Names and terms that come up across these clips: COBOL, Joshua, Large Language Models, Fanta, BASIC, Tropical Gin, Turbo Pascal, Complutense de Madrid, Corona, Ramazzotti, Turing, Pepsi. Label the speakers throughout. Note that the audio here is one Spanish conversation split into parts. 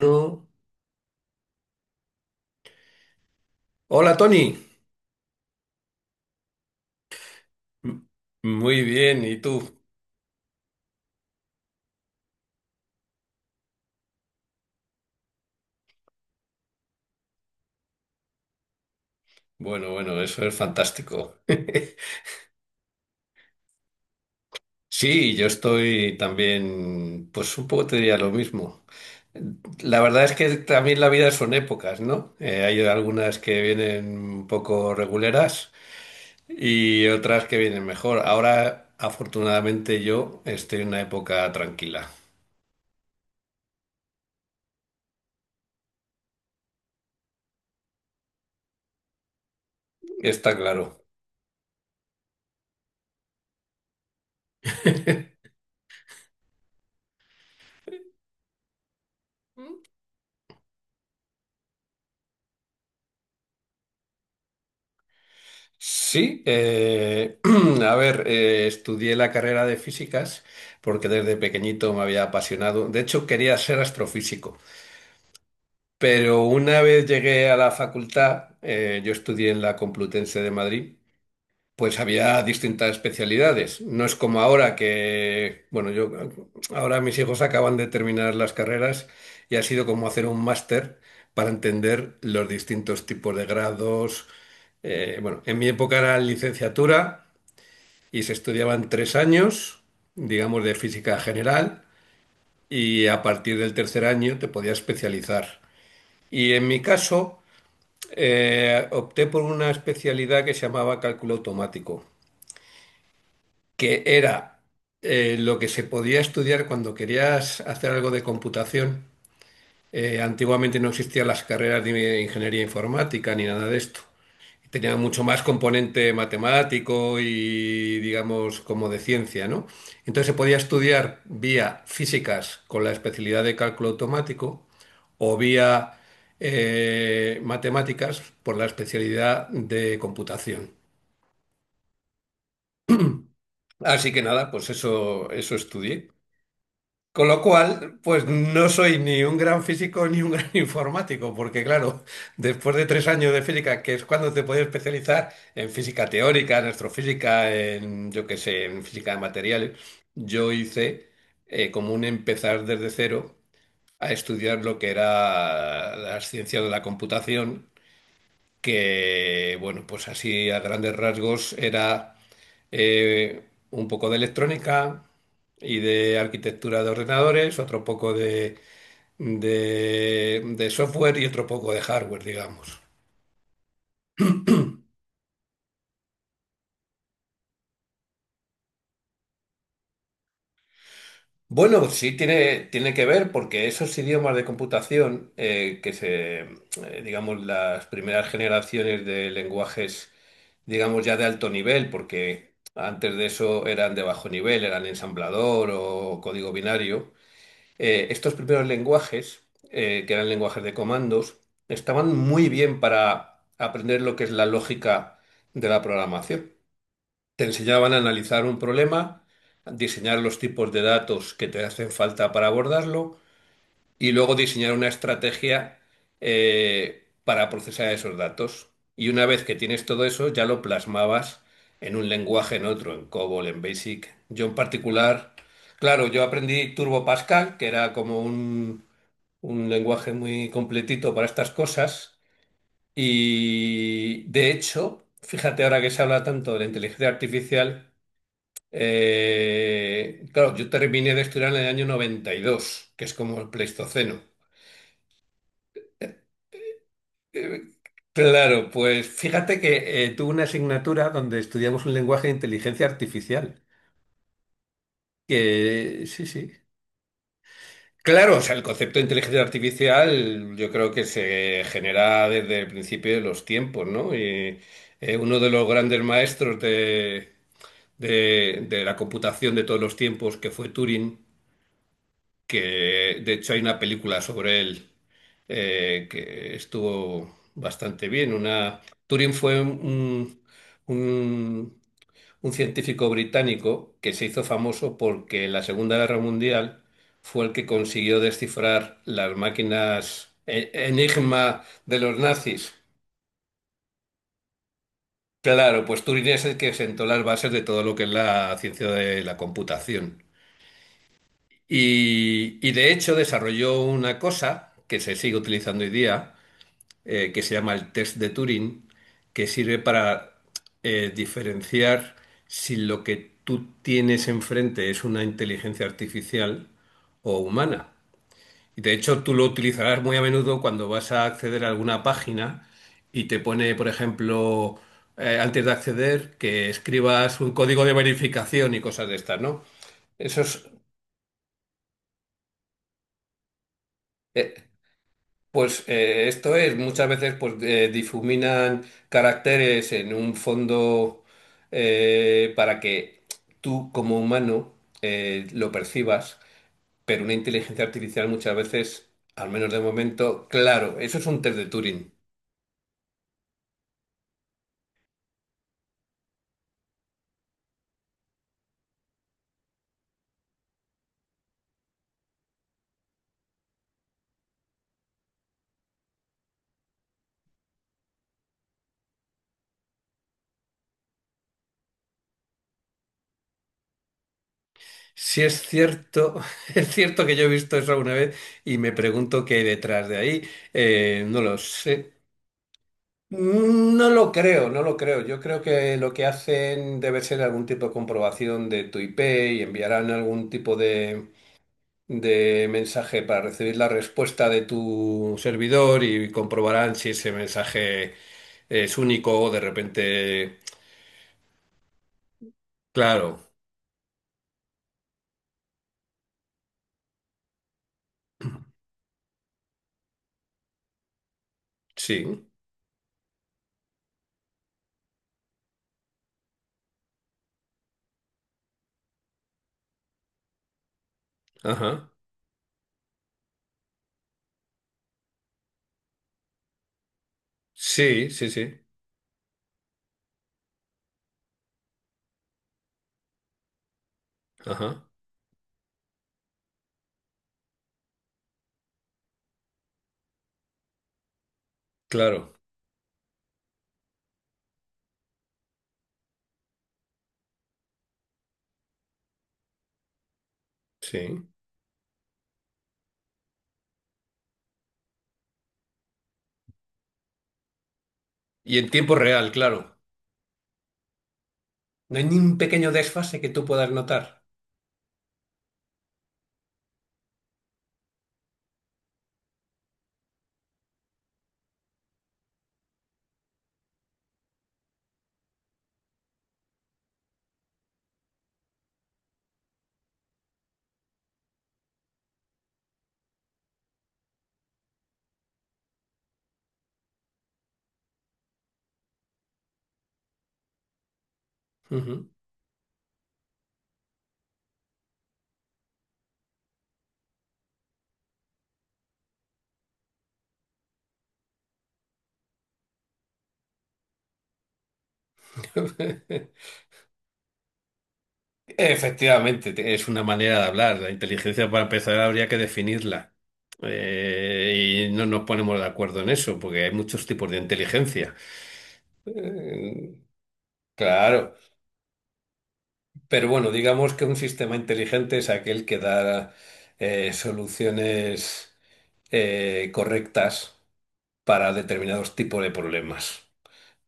Speaker 1: No. Hola Tony. M- Muy bien, ¿y tú? Bueno, bueno, eso es fantástico. Sí, yo estoy también, pues un poco te diría lo mismo. La verdad es que también la vida son épocas, ¿no? Hay algunas que vienen un poco reguleras y otras que vienen mejor. Ahora, afortunadamente, yo estoy en una época tranquila. Está claro. Sí, a ver, estudié la carrera de físicas porque desde pequeñito me había apasionado. De hecho, quería ser astrofísico, pero una vez llegué a la facultad, yo estudié en la Complutense de Madrid, pues había distintas especialidades. No es como ahora que, bueno, yo ahora mis hijos acaban de terminar las carreras y ha sido como hacer un máster para entender los distintos tipos de grados. Bueno, en mi época era licenciatura y se estudiaban tres años, digamos, de física general y a partir del tercer año te podías especializar. Y en mi caso, opté por una especialidad que se llamaba cálculo automático, que era lo que se podía estudiar cuando querías hacer algo de computación. Antiguamente no existían las carreras de ingeniería informática ni nada de esto. Tenía mucho más componente matemático y, digamos, como de ciencia, ¿no? Entonces se podía estudiar vía físicas con la especialidad de cálculo automático o vía matemáticas por la especialidad de computación. Así que nada, pues eso estudié. Con lo cual, pues no soy ni un gran físico ni un gran informático, porque claro, después de tres años de física, que es cuando te puedes especializar en física teórica, en astrofísica, en yo qué sé, en física de materiales, yo hice como un empezar desde cero a estudiar lo que era las ciencias de la computación que, bueno, pues así a grandes rasgos era un poco de electrónica y de arquitectura de ordenadores, otro poco de, de software y otro poco de hardware, digamos. Bueno, sí tiene que ver porque esos idiomas de computación digamos, las primeras generaciones de lenguajes, digamos, ya de alto nivel, porque antes de eso eran de bajo nivel, eran ensamblador o código binario, estos primeros lenguajes, que eran lenguajes de comandos, estaban muy bien para aprender lo que es la lógica de la programación. Te enseñaban a analizar un problema, a diseñar los tipos de datos que te hacen falta para abordarlo, y luego diseñar una estrategia para procesar esos datos. Y una vez que tienes todo eso, ya lo plasmabas en un lenguaje, en otro, en COBOL, en BASIC. Yo en particular, claro, yo aprendí Turbo Pascal, que era como un lenguaje muy completito para estas cosas. Y de hecho, fíjate ahora que se habla tanto de la inteligencia artificial, claro, yo terminé de estudiar en el año 92 que es como el Pleistoceno. Eh, Claro, pues fíjate que tuve una asignatura donde estudiamos un lenguaje de inteligencia artificial. Que sí, sí. Claro, o sea, el concepto de inteligencia artificial yo creo que se genera desde el principio de los tiempos, ¿no? Uno de los grandes maestros de, de la computación de todos los tiempos, que fue Turing, que de hecho hay una película sobre él que estuvo bastante bien. Una... Turing fue un, un científico británico que se hizo famoso porque en la Segunda Guerra Mundial fue el que consiguió descifrar las máquinas enigma de los nazis. Claro, pues Turing es el que sentó las bases de todo lo que es la ciencia de la computación. Y de hecho desarrolló una cosa que se sigue utilizando hoy día, que se llama el test de Turing, que sirve para diferenciar si lo que tú tienes enfrente es una inteligencia artificial o humana. Y de hecho tú lo utilizarás muy a menudo cuando vas a acceder a alguna página y te pone, por ejemplo, antes de acceder, que escribas un código de verificación y cosas de estas, ¿no? Eso es... eh, esto es, muchas veces difuminan caracteres en un fondo para que tú como humano lo percibas, pero una inteligencia artificial muchas veces, al menos de momento, claro, eso es un test de Turing. Si es cierto, es cierto que yo he visto eso alguna vez y me pregunto qué hay detrás de ahí, no lo sé. No lo creo, no lo creo. Yo creo que lo que hacen debe ser algún tipo de comprobación de tu IP y enviarán algún tipo de mensaje para recibir la respuesta de tu servidor y comprobarán si ese mensaje es único o de repente... Claro, sí, ajá. Sí, sí, sí, ajá. Claro, sí. Y en tiempo real, claro. No hay ni un pequeño desfase que tú puedas notar. Ujú. Efectivamente, es una manera de hablar. La inteligencia, para empezar, habría que definirla. Y no nos ponemos de acuerdo en eso, porque hay muchos tipos de inteligencia. Eh, claro, pero bueno, digamos que un sistema inteligente es aquel que da soluciones correctas para determinados tipos de problemas.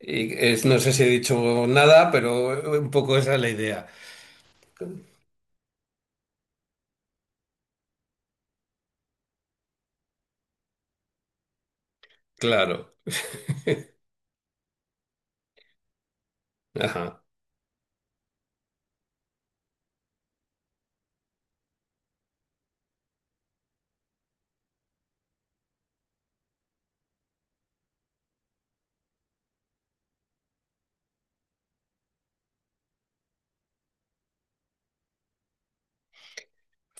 Speaker 1: Y no sé si he dicho nada, pero un poco esa es la idea. Claro. Ajá.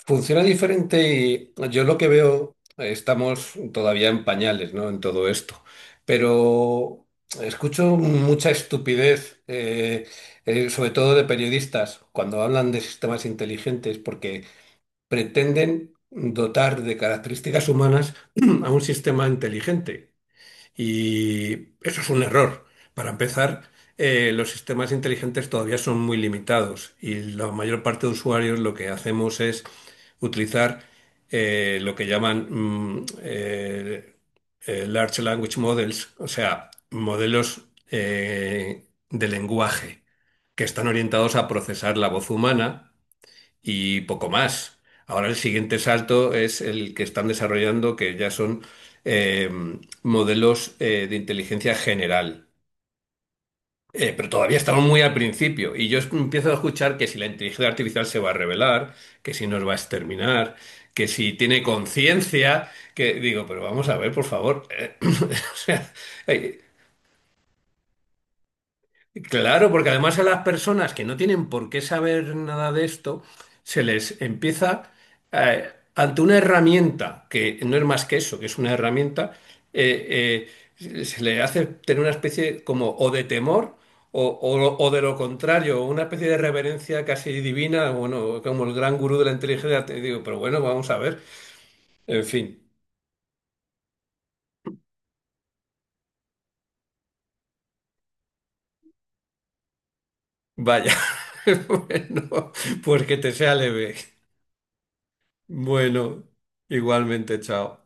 Speaker 1: Funciona diferente y yo lo que veo, estamos todavía en pañales, ¿no? En todo esto. Pero escucho mucha estupidez, sobre todo de periodistas, cuando hablan de sistemas inteligentes, porque pretenden dotar de características humanas a un sistema inteligente. Y eso es un error. Para empezar, los sistemas inteligentes todavía son muy limitados y la mayor parte de usuarios lo que hacemos es utilizar lo que llaman Large Language Models, o sea, modelos de lenguaje que están orientados a procesar la voz humana y poco más. Ahora el siguiente salto es el que están desarrollando, que ya son eh, modelos de inteligencia general. Pero todavía estamos muy al principio y yo empiezo a escuchar que si la inteligencia artificial se va a revelar, que si nos va a exterminar, que si tiene conciencia, que digo, pero vamos a ver, por favor. O sea, eh, Claro, porque además a las personas que no tienen por qué saber nada de esto, se les empieza, ante una herramienta, que no es más que eso, que es una herramienta, eh, se le hace tener una especie como o de temor o, o de lo contrario, una especie de reverencia casi divina, bueno, como el gran gurú de la inteligencia, te digo, pero bueno, vamos a ver, en fin, vaya, bueno, pues que te sea leve. Bueno, igualmente, chao.